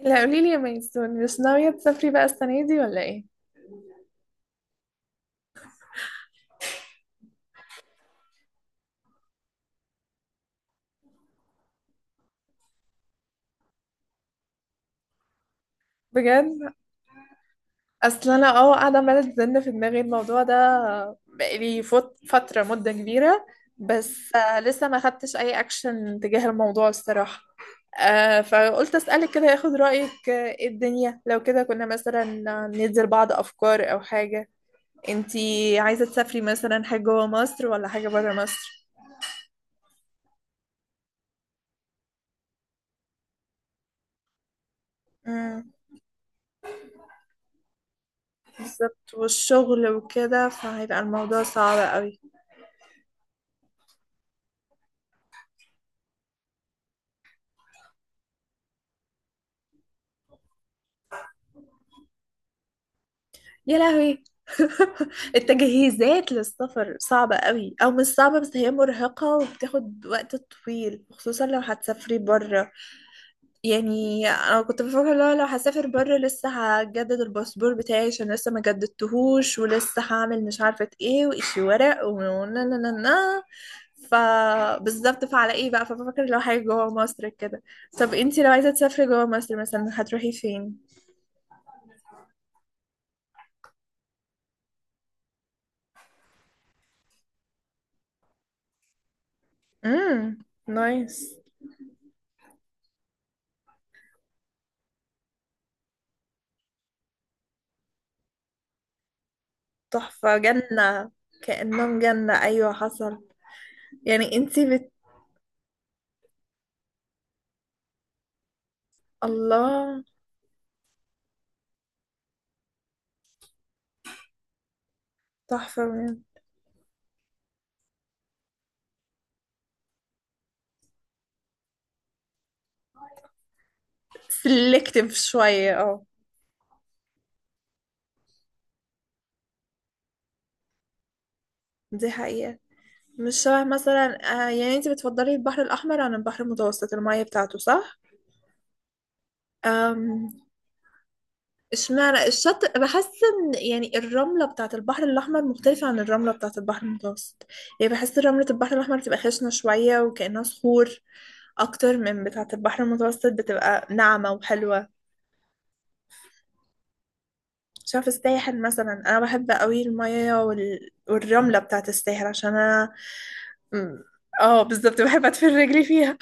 لا قولي لي يا ميسون، مش ناوية تسافري بقى السنة دي ولا ايه؟ بجد اصل انا قاعدة عمالة تزن في دماغي الموضوع ده. بقالي فترة مدة كبيرة، بس لسه ما خدتش اي اكشن تجاه الموضوع الصراحة. فقلت اسألك كده ياخد رأيك، ايه الدنيا لو كده كنا مثلا ندي لبعض افكار او حاجة. انتي عايزة تسافري مثلا حاجة جوه مصر ولا حاجة برا مصر؟ امم بالظبط، والشغل وكده فهيبقى الموضوع صعب قوي. يا لهوي! التجهيزات للسفر صعبة قوي، أو مش صعبة بس هي مرهقة وبتاخد وقت طويل خصوصا لو هتسافري برا. يعني أنا كنت بفكر لو هسافر برا، لسه هجدد الباسبور بتاعي عشان لسه ما جددتهوش، ولسه هعمل مش عارفة ايه، وإشي ورق ونا نا نا نا. ف بالظبط، فعلى ايه بقى، فبفكر لو حاجة جوا مصر كده. طب انتي لو عايزة تسافري جوا مصر، مثلا هتروحي فين؟ امم نايس. تحفة، جنة. كأنهم جنة. أيوة، حصل. يعني انتي بت... الله، تحفة بجد. سلكتيف شوية، اه. دي حقيقة. مش شبه مثلا، يعني انتي بتفضلي البحر الأحمر عن البحر المتوسط، المية بتاعته، صح؟ أم، اشمعنى الشط، بحس ان يعني الرملة بتاعت البحر الأحمر مختلفة عن الرملة بتاعت البحر المتوسط. يعني بحس رملة البحر الأحمر بتبقى خشنة شوية وكأنها صخور، أكتر من بتاعت البحر المتوسط بتبقى ناعمة وحلوة. شاف الساحل مثلا، انا بحب قوي المية وال... والرملة بتاعت الساحل عشان انا م- اه بالظبط، بحب ادفن رجلي فيها.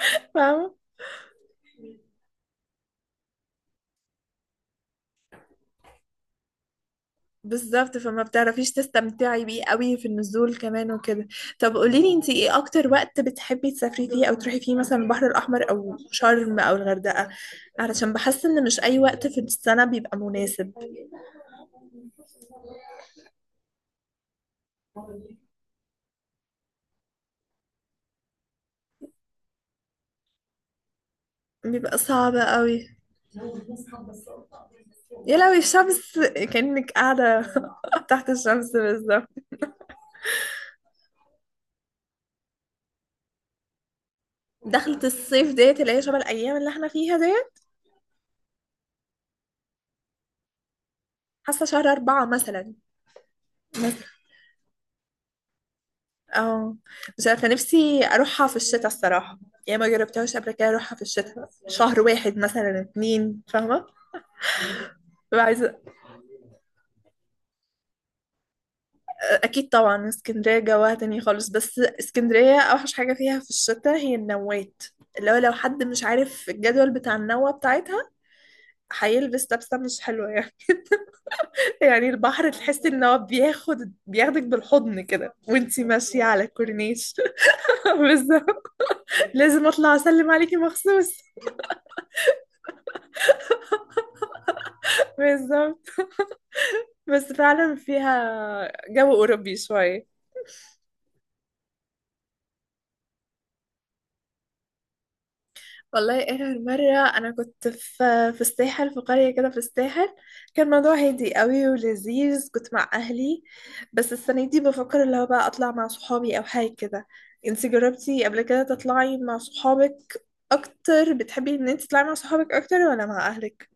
فاهمة. بالظبط، فما بتعرفيش تستمتعي بيه قوي في النزول كمان وكده. طب قوليلي انتي ايه اكتر وقت بتحبي تسافري فيه او تروحي فيه، مثلا البحر الاحمر او شرم او الغردقة، علشان بحس ان مش اي وقت في السنة بيبقى مناسب. بيبقى صعب قوي. يا لهوي الشمس، كأنك قاعدة تحت الشمس بالظبط. دخلة الصيف ديت اللي هي شبه الأيام اللي احنا فيها ديت. حاسة شهر أربعة مثلا. مثلا، اه. مش عارفة، نفسي أروحها في الشتاء الصراحة. يعني ما جربتهاش قبل كده أروحها في الشتاء، شهر واحد مثلا اتنين، فاهمة. ببقى عايزة. أكيد طبعا اسكندرية جواها تاني خالص، بس اسكندرية أوحش حاجة فيها في الشتاء هي النوات، اللي هو لو حد مش عارف الجدول بتاع النوة بتاعتها، هيلبس لبسة مش حلوة يعني. يعني البحر تحس ان هو بياخدك بالحضن كده وانتي ماشية على الكورنيش. بالظبط. لازم اطلع اسلم عليكي مخصوص. بالظبط. بس فعلا فيها جو اوروبي شويه. والله اخر مره انا كنت في الساحل، في قريه كده في الساحل، كان الموضوع هادي قوي ولذيذ، كنت مع اهلي. بس السنه دي بفكر اللي هو بقى اطلع مع صحابي او حاجه كده. انتي جربتي قبل كده تطلعي مع صحابك؟ اكتر بتحبي ان انت تطلعي مع صحابك اكتر ولا مع اهلك؟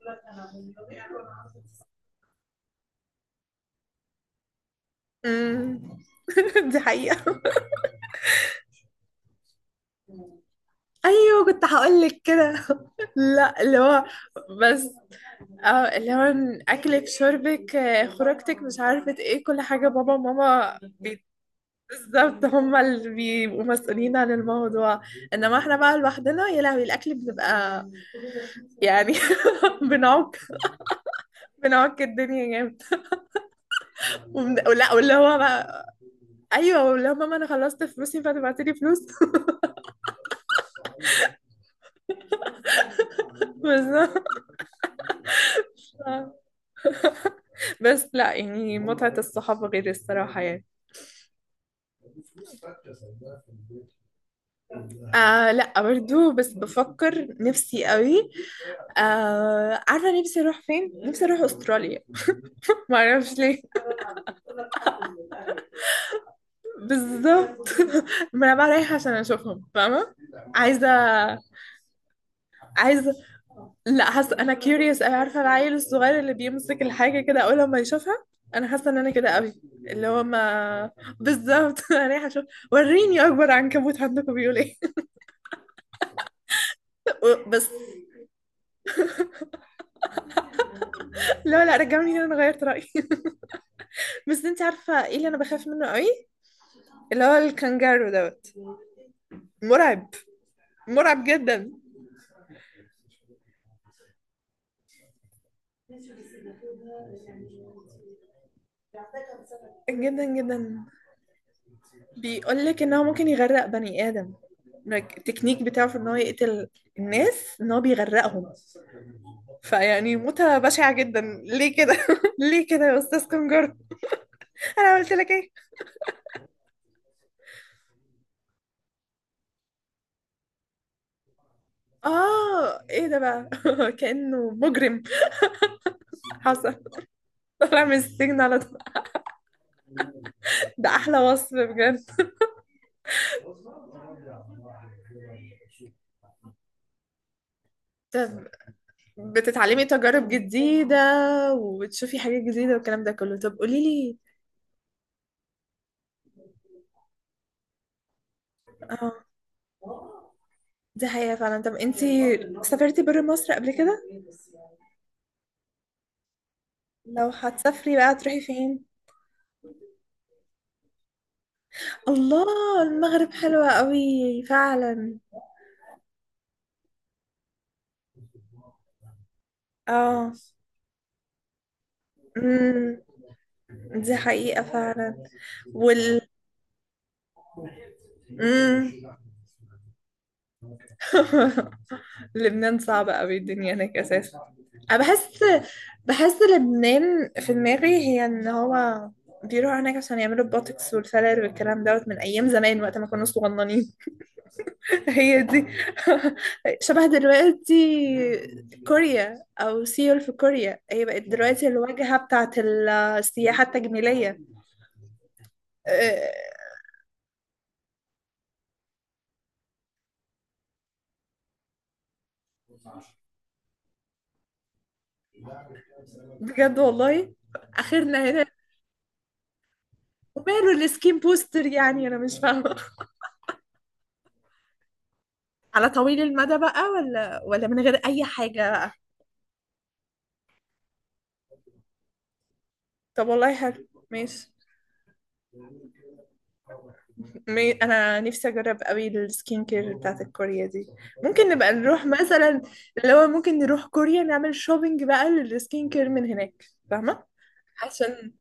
امم. دي حقيقه. ايوه كنت هقولك كده. لا اللي هو، بس اه اللي هو اكلك شربك، خروجتك، مش عارفة ايه، كل حاجة بابا وماما بالظبط، هما اللي بيبقوا مسؤولين عن الموضوع. انما احنا بقى لوحدنا، يا لهوي الاكل، بنبقى يعني بنعك بنعك الدنيا جامد. ولا واللي هو بقى، ايوه واللي هو ماما انا خلصت فلوسي فتبعتلي فلوس. بالظبط. بس لا، يعني متعة الصحاب غير الصراحة يعني. لا برضو، بس بفكر نفسي قوي. عارفة نفسي اروح فين؟ نفسي اروح استراليا. معرفش ليه. بالظبط. ما انا بقى رايحة عشان اشوفهم، فاهمة؟ عايزة. عايزة. لا حاسة انا curious أوي، عارفة العيل الصغير اللي بيمسك الحاجة كده اول لما يشوفها، انا حاسة ان انا كده قوي. اللي هو ما، بالظبط. انا رايحة اشوف، وريني اكبر عنكبوت عندكم بيقول ايه. بس لا لا، رجعوني هنا انا غيرت رأيي. بس انت عارفة ايه اللي انا بخاف منه قوي؟ اللي هو الكنجارو دوت. مرعب. مرعب جدا. جدا جدا. بيقول لك ان هو ممكن يغرق بني ادم، like التكنيك بتاعه في ان هو يقتل الناس ان هو بيغرقهم، فيعني موتة بشعة جدا، ليه كده. ليه كده يا استاذ كنجارو، انا عملت لك ايه؟ اه ايه ده بقى، كأنه مجرم. حصل، طلع من السجن على طول. ده احلى وصف بجد. طب بتتعلمي تجارب جديدة وبتشوفي حاجات جديدة والكلام ده كله، طب قولي لي، اه. دي حقيقة فعلا. طب انتي سافرتي برا مصر قبل كده؟ لو هتسافري بقى تروحي فين؟ الله. المغرب حلوة قوي فعلا. اه. امم. دي حقيقة فعلا. وال، امم. لبنان صعبة قوي الدنيا هناك اساسا. انا بحس، بحس لبنان في دماغي هي ان هو بيروحوا هناك عشان يعملوا البوتوكس والفيلر والكلام دوت من ايام زمان وقت ما كنا صغننين. هي دي. شبه دلوقتي كوريا، او سيول في كوريا، هي بقت دلوقتي الواجهة بتاعت السياحة التجميلية. أه، بجد والله. اخرنا هنا. وماله السكين بوستر يعني، انا مش فاهمة. على طويل المدى بقى، ولا من غير اي حاجة؟ طب والله حلو ماشي. انا نفسي اجرب قوي السكين كير بتاعت الكوريا دي. ممكن نبقى نروح مثلا، اللي هو ممكن نروح كوريا نعمل شوبينج بقى للسكين كير من هناك، فاهمة. عشان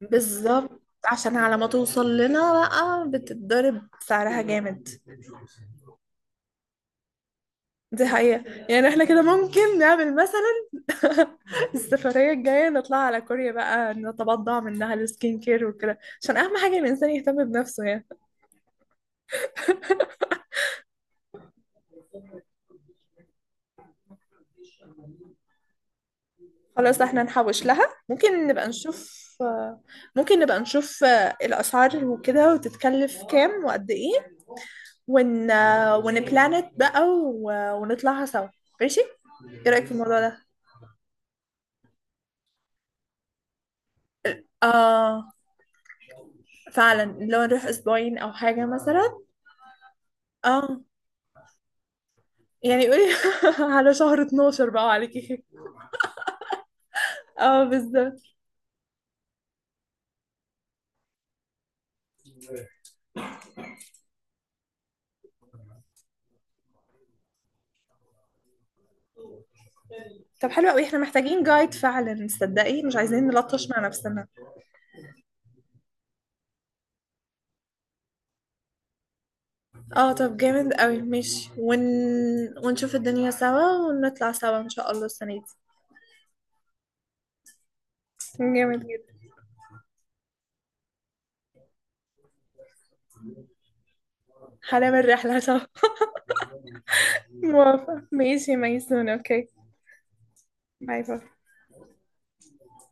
بالظبط، عشان على ما توصل لنا بقى بتتضرب سعرها جامد. دي حقيقة. يعني احنا كده ممكن نعمل مثلا السفرية الجاية نطلع على كوريا بقى، نتبضع منها السكين كير وكده، عشان اهم حاجة الانسان يهتم بنفسه يعني. خلاص احنا نحوش لها، ممكن نبقى نشوف. آه، ممكن نبقى نشوف الأسعار وكده، وتتكلف كام وقد ايه، ون آه، ونبلانت بقى، ونطلعها سوا. ماشي. ايه رأيك في الموضوع ده؟ اه فعلا، لو نروح اسبوعين او حاجة مثلا. اه يعني قولي. على شهر 12 بقى عليكي. اه بالظبط. طب حلو قوي، احنا محتاجين جايد فعلا تصدقي، مش عايزين نلطش مع نفسنا. اه طب جامد قوي ماشي، ونشوف الدنيا سوا ونطلع سوا ان شاء الله السنة دي. جامد جدا. هنعمل رحلة سوا. موافقة، ماشي يا ميسون، اوكي. باي باي.